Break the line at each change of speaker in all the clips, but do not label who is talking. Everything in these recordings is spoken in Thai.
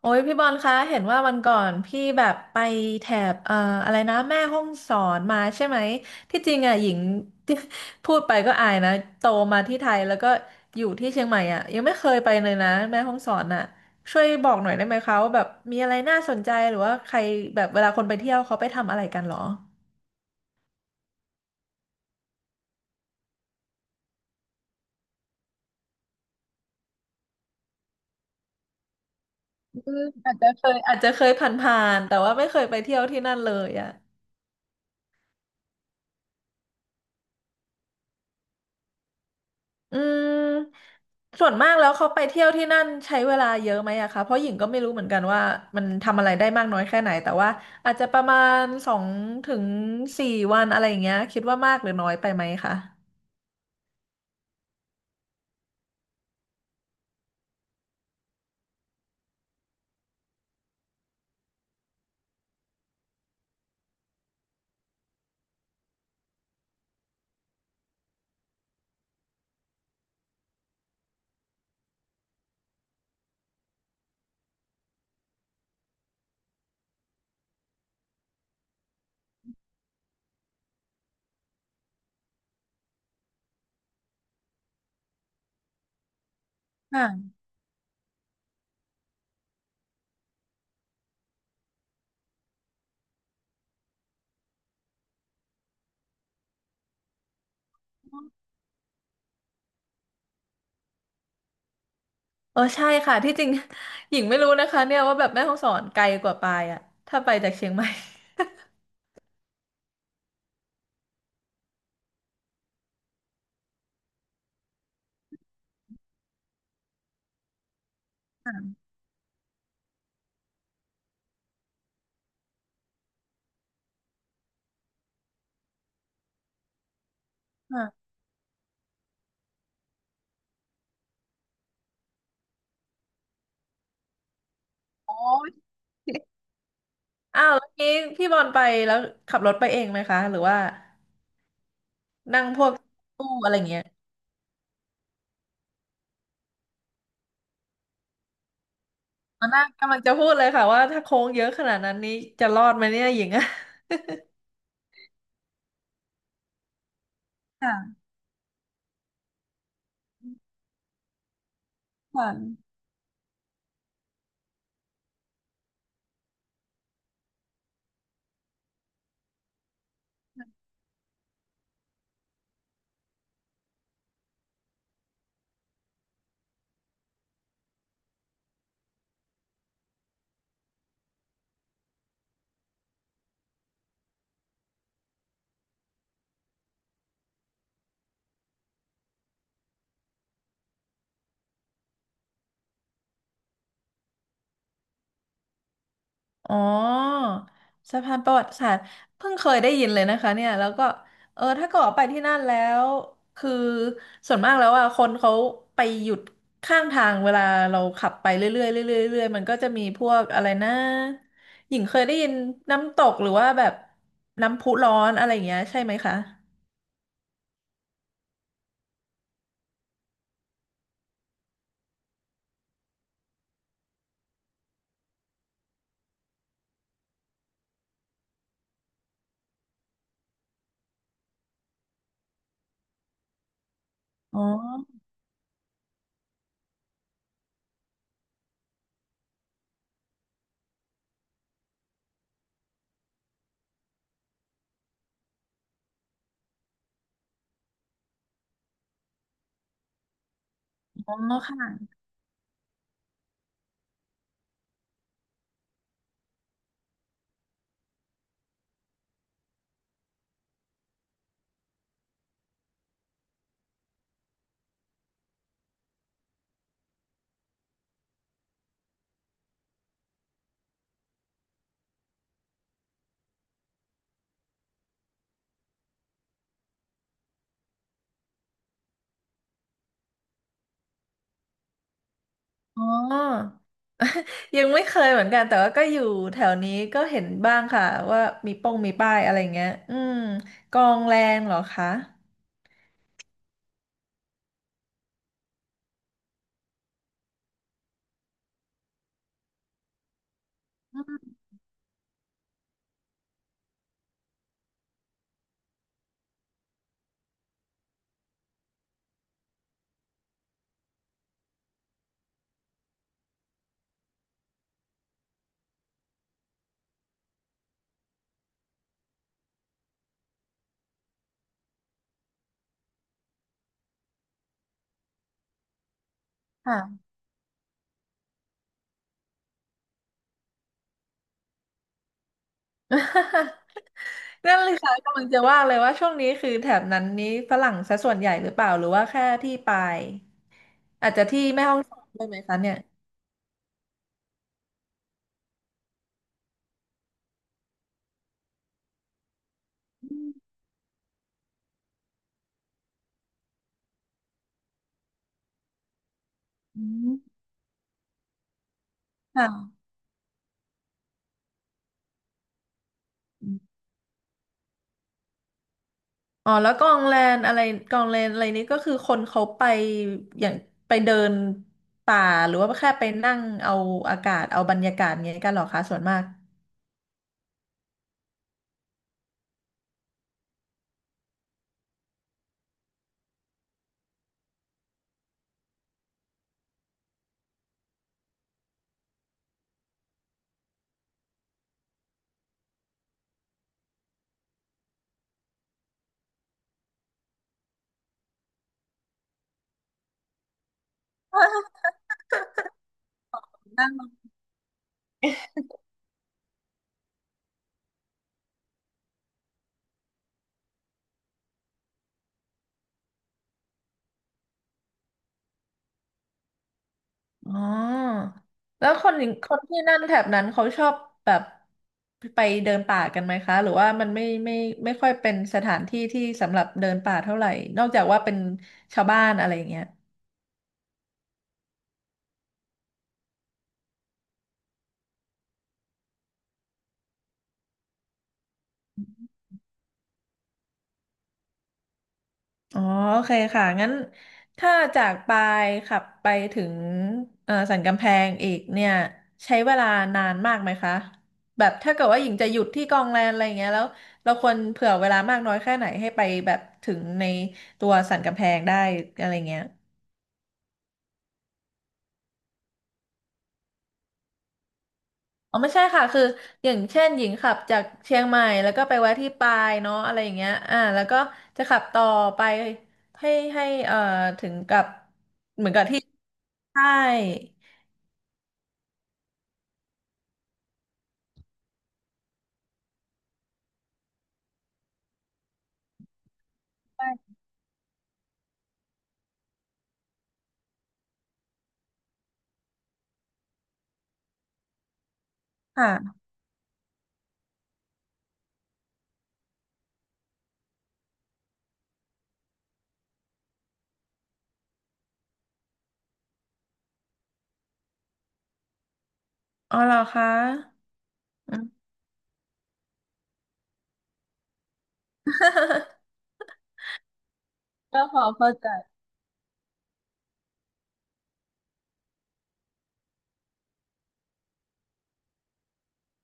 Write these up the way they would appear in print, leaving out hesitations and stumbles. โอ้ยพี่บอลคะเห็นว่าวันก่อนพี่แบบไปแถบอะไรนะแม่ฮ่องสอนมาใช่ไหมที่จริงอ่ะหญิง ที่พูดไปก็อายนะโตมาที่ไทยแล้วก็อยู่ที่เชียงใหม่อ่ะยังไม่เคยไปเลยนะแม่ฮ่องสอนอ่ะช่วยบอกหน่อยได้ไหมคะว่าแบบมีอะไรน่าสนใจหรือว่าใครแบบเวลาคนไปเที่ยวเขาไปทำอะไรกันเหรออืมอาจจะเคยผ่านๆแต่ว่าไม่เคยไปเที่ยวที่นั่นเลยอ่ะ อืมส่วนมากแล้วเขาไปเที่ยวที่นั่นใช้เวลาเยอะไหมอะคะเพราะหญิงก็ไม่รู้เหมือนกันว่ามันทำอะไรได้มากน้อยแค่ไหนแต่ว่าอาจจะประมาณสองถึงสี่วันอะไรอย่างเงี้ยคิดว่ามากหรือน้อยไปไหมคะค่ะเออใช่ค่ะที่จริง หญิงไม่รู้นะคะเนี่ยว่าแบบแม่ฮ่องสอนไกลกว่าปายอะถ้าไปจากเชียงใหม่ค่ะโอ้ยอ้าวแล้วนี้พี่บอลไปแล้วขับรถไปเองไหมคะหรือว่านั่งพวกตู้อะไรอย่างเงี้ย อ๋อน้ากกำลังจะพูดเลยค่ะว่าถ้าโค้งเยอะขนาดนั้นนี้จะรอดไหมเนี่ยหญิงอะค่ะค่ะอ๋อสะพานประวัติศาสตร์เพิ่งเคยได้ยินเลยนะคะเนี่ยแล้วก็เออถ้าเกิดว่าไปที่นั่นแล้วคือส่วนมากแล้วอ่ะคนเขาไปหยุดข้างทางเวลาเราขับไปเรื่อยๆเรื่อยๆเรื่อยๆมันก็จะมีพวกอะไรนะหญิงเคยได้ยินน้ำตกหรือว่าแบบน้ำพุร้อนอะไรอย่างเงี้ยใช่ไหมคะอ๋ออ๋อค่ะอ๋อ ยังไม่เคยเหมือนกันแต่ว่าก็อยู่แถวนี้ก็เห็นบ้างค่ะว่ามีป้องมีป้ายอะไรเงี้ยอืมกองแรงเหรอคะค่ะ นั่นเลยค่ะกำลังจะว่าเลยว่าช่วงนี้คือแถบนั้นนี้ฝรั่งซะส่วนใหญ่หรือเปล่าหรือว่าแค่ที่ปายอาจจะที่แม่ฮ่องสอนด้วยไหมคะเนี่ยอืมค่ะ อ๋อแล้วกองแลนอะไรกองแลนอะไรนี้ก็คือคนเขาไปอย่างไปเดินป่าหรือว่าแค่ไปนั่งเอาอากาศเอาบรรยากาศอย่างเงี้ยกันเหรอคะส่วนมากนั่งอ๋อแล้วคนอย่างคนที่นั่นแถบนั้นเขาชอบแบบไปเดินป่ากันไหมคะหรือว่ามันไม่ค่อยเป็นสถานที่ที่สำหรับเดินป่าเท่าไหร่นอกจากว่าเป็นชาวบ้านอะไรอย่างเงี้ย อ๋อโอเคค่ะงั้นถ้าจากปายขับไปถึงสันกำแพงอีกเนี่ยใช้เวลานานมากไหมคะแบบถ้าเกิดว่าหญิงจะหยุดที่กองแลนอะไรอย่างเงี้ยแล้วเราควรเผื่อเวลามากน้อยแค่ไหนให้ไปแบบถึงในตัวสันกำแพงได้อะไรเงี้ยอ๋อไม่ใช่ค่ะคืออย่างเช่นหญิงขับจากเชียงใหม่แล้วก็ไปแวะที่ปายเนาะอะไรอย่างเงี้ยอ่าแล้วก็จะขับต่อไปให้ให้ถึงกับเหมือนกับที่ใช่ใช่ค่ะ อ๋อเหรอคะอืม ก็พอเข้าใจ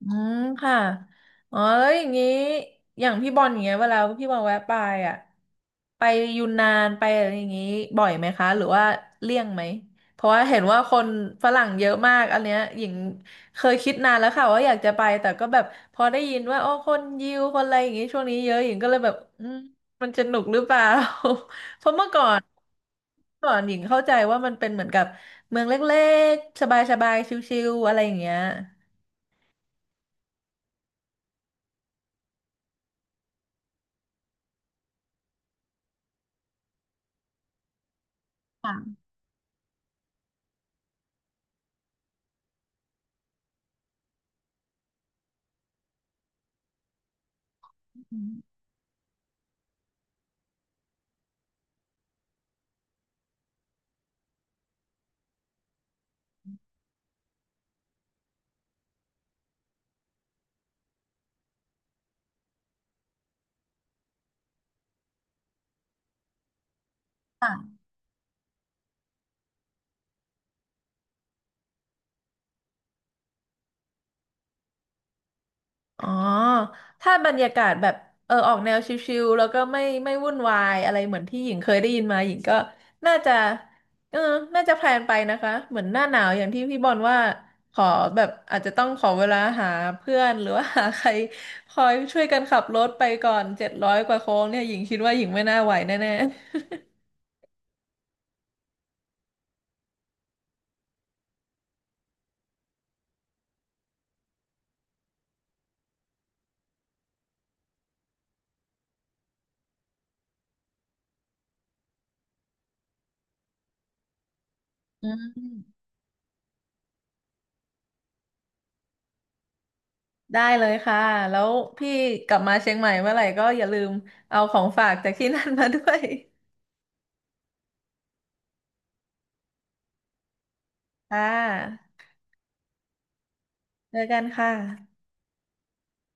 อืมค่ะอ๋อแล้วอย่างนี้อย่างพี่บอลอย่างเงี้ยเวลาพี่บอลแวะไปอ่ะไปยูนนานไปอะไรอย่างงี้บ่อยไหมคะหรือว่าเลี่ยงไหมเพราะว่าเห็นว่าคนฝรั่งเยอะมากอันเนี้ยหญิงเคยคิดนานแล้วค่ะว่าอยากจะไปแต่ก็แบบพอได้ยินว่าโอ้คนยิวคนอะไรอย่างงี้ช่วงนี้เยอะหญิงก็เลยแบบอืมมันจะหนุกหรือเปล่า เพราะเมื่อก่อนก่อนหญิงเข้าใจว่ามันเป็นเหมือนกับเมืองเล็กๆสบายๆชิลๆอะไรอย่างเงี้ยค่ะ อ๋อถ้าบรรยากาศแบบเออออกแนวชิลๆ แล้วก็ไม่วุ่นวายอะไรเหมือนที่หญิงเคยได้ยินมาหญิงก็น่าจะเออน่าจะแพลนไปนะคะเหมือนหน้าหนาวอย่างที่พี่บอลว่าขอแบบอาจจะต้องขอเวลาหาเพื่อนหรือว่าหาใครคอยช่วยกันขับรถไปก่อน700กว่าโค้งเนี่ยหญิงคิดว่าหญิงไม่น่าไหวแน่ๆอืมได้เลยค่ะแล้วพี่กลับมาเชียงใหม่เมื่อไหร่ก็อย่าลืมเอาของฝากจากที่นั่นมาด้วย ค่ะเจอกันค่ะ